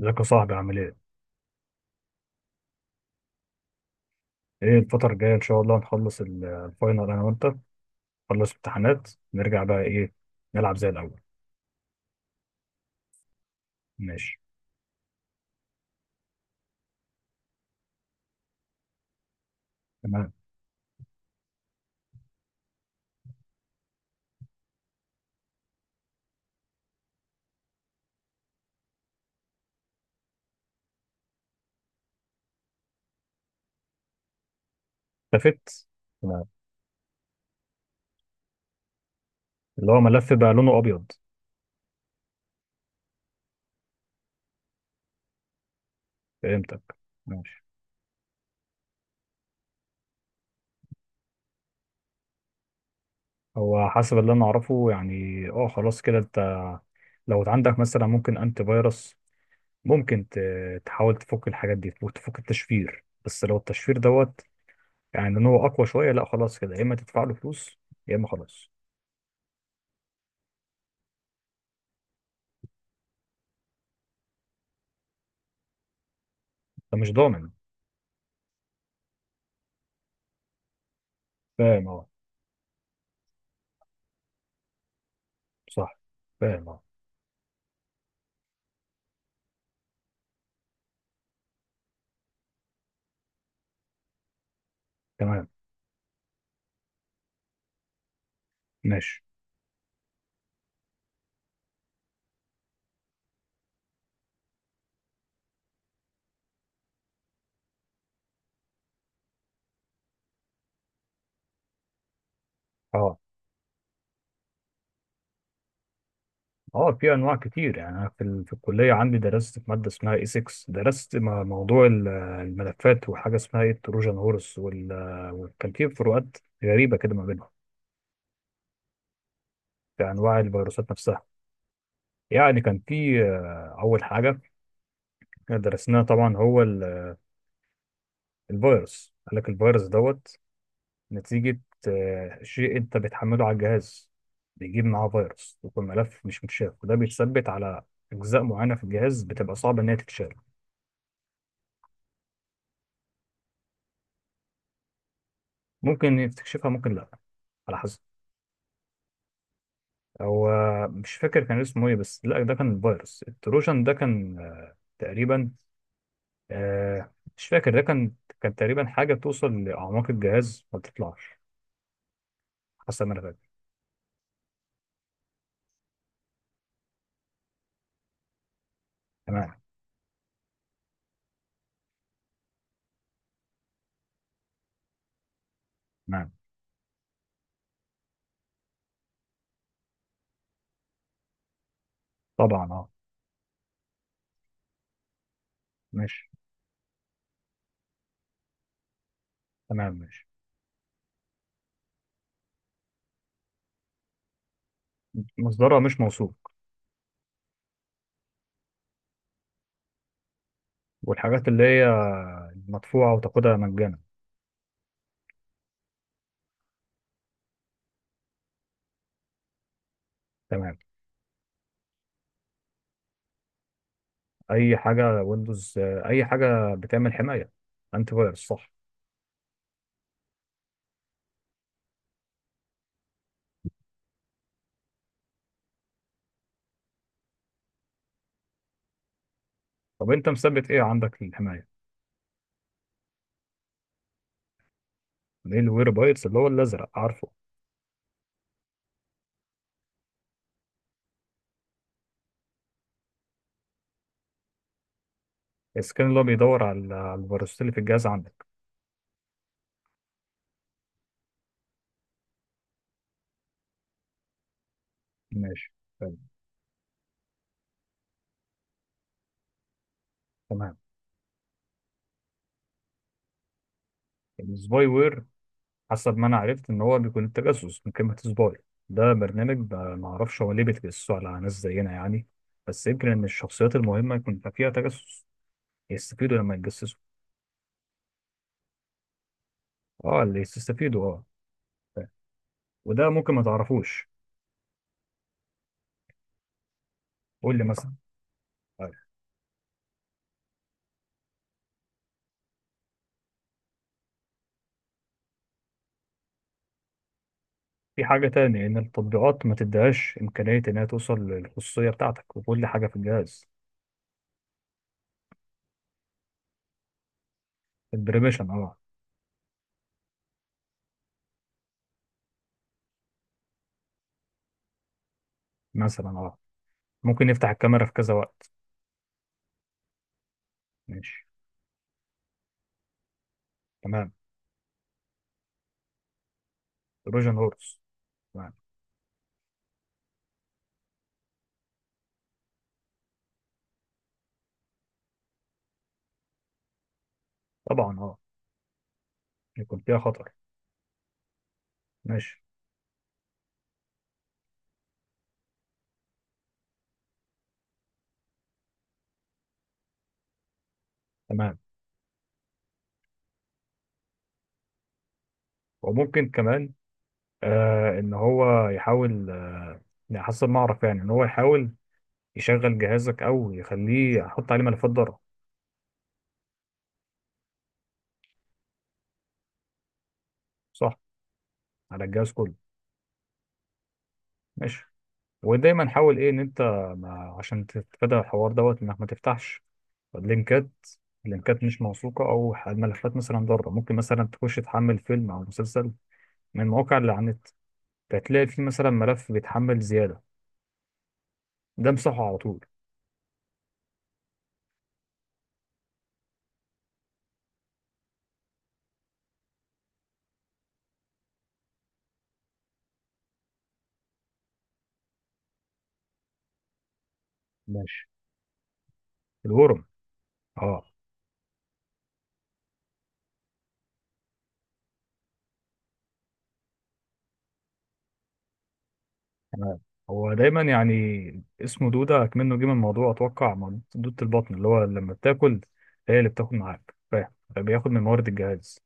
ازيك يا صاحبي؟ عامل ايه؟ ايه الفترة الجاية ان شاء الله نخلص الفاينل انا وانت، نخلص امتحانات، نرجع بقى ايه، نلعب زي الاول. ماشي. تمام. التفت. تمام. اللي هو ملف بقى لونه ابيض. فهمتك. ماشي. هو حسب اللي انا اعرفه يعني. اه خلاص كده، انت لو عندك مثلا ممكن انتي فيروس، ممكن تحاول تفك الحاجات دي وتفك التشفير، بس لو التشفير دوت يعني ان هو اقوى شوية، لا خلاص كده، يا اما تدفع له فلوس يا اما خلاص. انت مش ضامن. فاهم اه. صح. فاهم اه. تمام. ماشي. اه. اه في انواع كتير يعني. انا في في الكليه عندي، درست في ماده اسمها اي 6، درست موضوع الملفات، وحاجه اسمها ايه، التروجان هورس، وكان في فروقات غريبه كده ما بينهم، في انواع الفيروسات نفسها. يعني كان في اول حاجه درسناها طبعا هو الفيروس، قال لك الفيروس دوت نتيجه شيء انت بتحمله على الجهاز، بيجيب معاه فيروس، يكون ملف مش متشاف، وده بيتثبت على اجزاء معينه في الجهاز بتبقى صعب ان هي تتشاف. ممكن يكتشفها ممكن لا، على حسب. هو مش فاكر كان اسمه ايه، بس لا ده كان فيروس، التروجان ده كان تقريبا مش فاكر، ده كان كان تقريبا حاجه توصل لاعماق الجهاز ما بتطلعش، حسب ما انا فاكر. تمام. تمام. طبعا اه. ماشي. تمام. ماشي. مصدرها مش موثوق. والحاجات اللي هي مدفوعه وتاخدها مجانا. تمام. اي حاجه ويندوز، اي حاجه بتعمل حمايه. انت فيروس صح. طب انت مثبت ايه عندك للحمايه؟ ليه الوير بايتس اللي هو الازرق، عارفه؟ السكان اللي هو بيدور على على الفيروسات اللي في الجهاز عندك. ماشي. حلو. تمام. السباي وير. حسب ما انا عرفت ان هو بيكون التجسس من كلمه سباي. ده برنامج ما اعرفش هو ليه بيتجسسوا على ناس زينا يعني، بس يمكن ان الشخصيات المهمه يكون فيها تجسس يستفيدوا لما يتجسسوا. اه اللي يستفيدوا اه. فاهم. وده ممكن ما تعرفوش. قول لي مثلا. طيب. في حاجه تاني، ان التطبيقات ما تديهاش امكانيه انها توصل للخصوصيه بتاعتك وكل حاجه في الجهاز. البريميشن اه. مثلا اه. ممكن نفتح الكاميرا في كذا وقت. ماشي. تمام. تروجان هورس. تمام. طبعا اه. يكون فيها خطر. ماشي. تمام. وممكن كمان آه، ان هو يحاول آه، يعني حسب ما اعرف يعني ان هو يحاول يشغل جهازك، او يخليه يحط عليه ملفات ضرر. صح. على الجهاز كله. ماشي. ودايما حاول ايه، ان انت، ما عشان تتفادى الحوار دوت، انك ما تفتحش لينكات، لينكات مش موثوقة، او ملفات مثلا ضارة. ممكن مثلا تخش تحمل فيلم او مسلسل من مواقع اللي على النت، فتلاقي فيه مثلا ملف بيتحمل زيادة، ده امسحه على طول. ماشي. الورم اه. تمام. هو دايما يعني اسمه دودة، كمنه جه من موضوع اتوقع دودة البطن، اللي هو لما بتاكل هي اللي بتاكل معاك، فاهم؟ فبياخد من موارد الجهاز.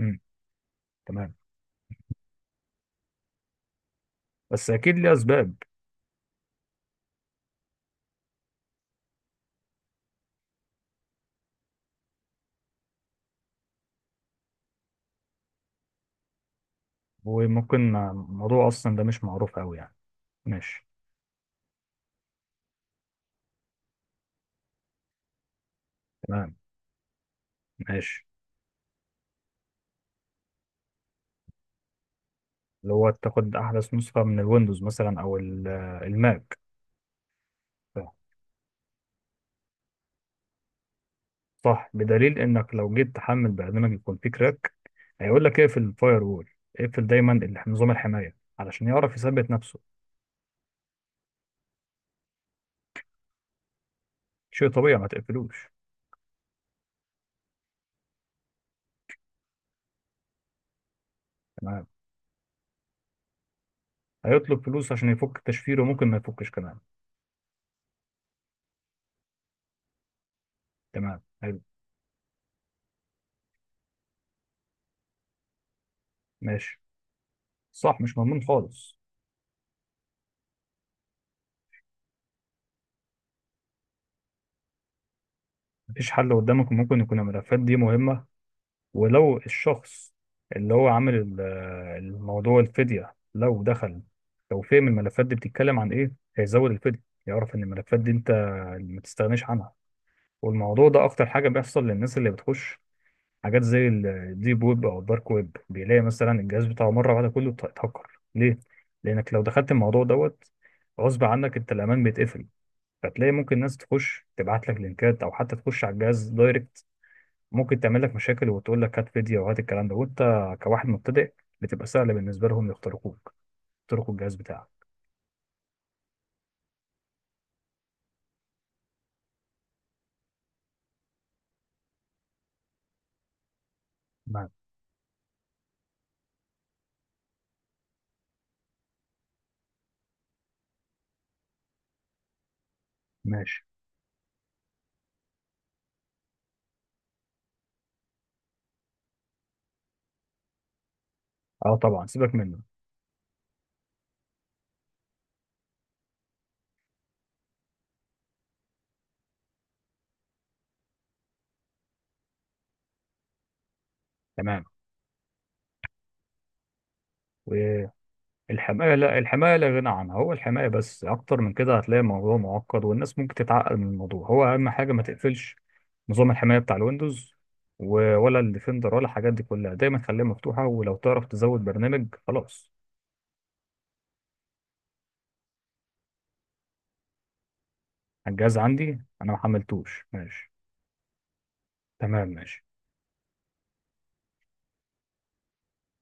امم. تمام. بس اكيد ليه اسباب. وممكن الموضوع اصلا ده مش معروف قوي يعني. ماشي. تمام. ماشي. اللي هو تاخد احدث نسخة من الويندوز مثلا، او الماك. صح، بدليل انك لو جيت تحمل برنامج يكون فيه كراك هيقول لك اقفل الفاير وول، اقفل دايما نظام الحمايه علشان يعرف يثبت نفسه. شيء طبيعي، ما تقفلوش. تمام. هيطلب فلوس عشان يفك التشفير، وممكن ما يفكش كمان. تمام. حلو. ماشي. صح، مش مضمون خالص. مفيش حل قدامك، ممكن يكون الملفات دي مهمه، ولو الشخص اللي هو عامل الموضوع الفديه، لو دخل، لو فهم الملفات دي بتتكلم عن ايه هيزود الفديه، يعرف ان الملفات دي انت ما تستغناش عنها. والموضوع ده اكتر حاجه بيحصل للناس اللي بتخش حاجات زي الديب ويب او الدارك ويب، بيلاقي مثلا الجهاز بتاعه مره واحده كله اتهكر ليه. لانك لو دخلت الموضوع دوت غصب عنك، انت الامان بيتقفل، فتلاقي ممكن ناس تخش تبعت لك لينكات، او حتى تخش على الجهاز دايركت، ممكن تعمل لك مشاكل وتقول لك هات فيديو وهات الكلام ده، وانت كواحد مبتدئ بتبقى سهله بالنسبه لهم يخترقوك، يخترقوا الجهاز بتاعك. تمام. ماشي. اه طبعا سيبك منه. تمام. الحماية، لا، الحماية لا غنى عنها. هو الحماية بس، أكتر من كده هتلاقي الموضوع معقد والناس ممكن تتعقد من الموضوع. هو أهم حاجة ما تقفلش نظام الحماية بتاع الويندوز، ولا الديفندر ولا الحاجات دي كلها، دايما خليها مفتوحة، ولو تعرف تزود برنامج خلاص. الجهاز عندي أنا ما حملتوش. ماشي. تمام. ماشي.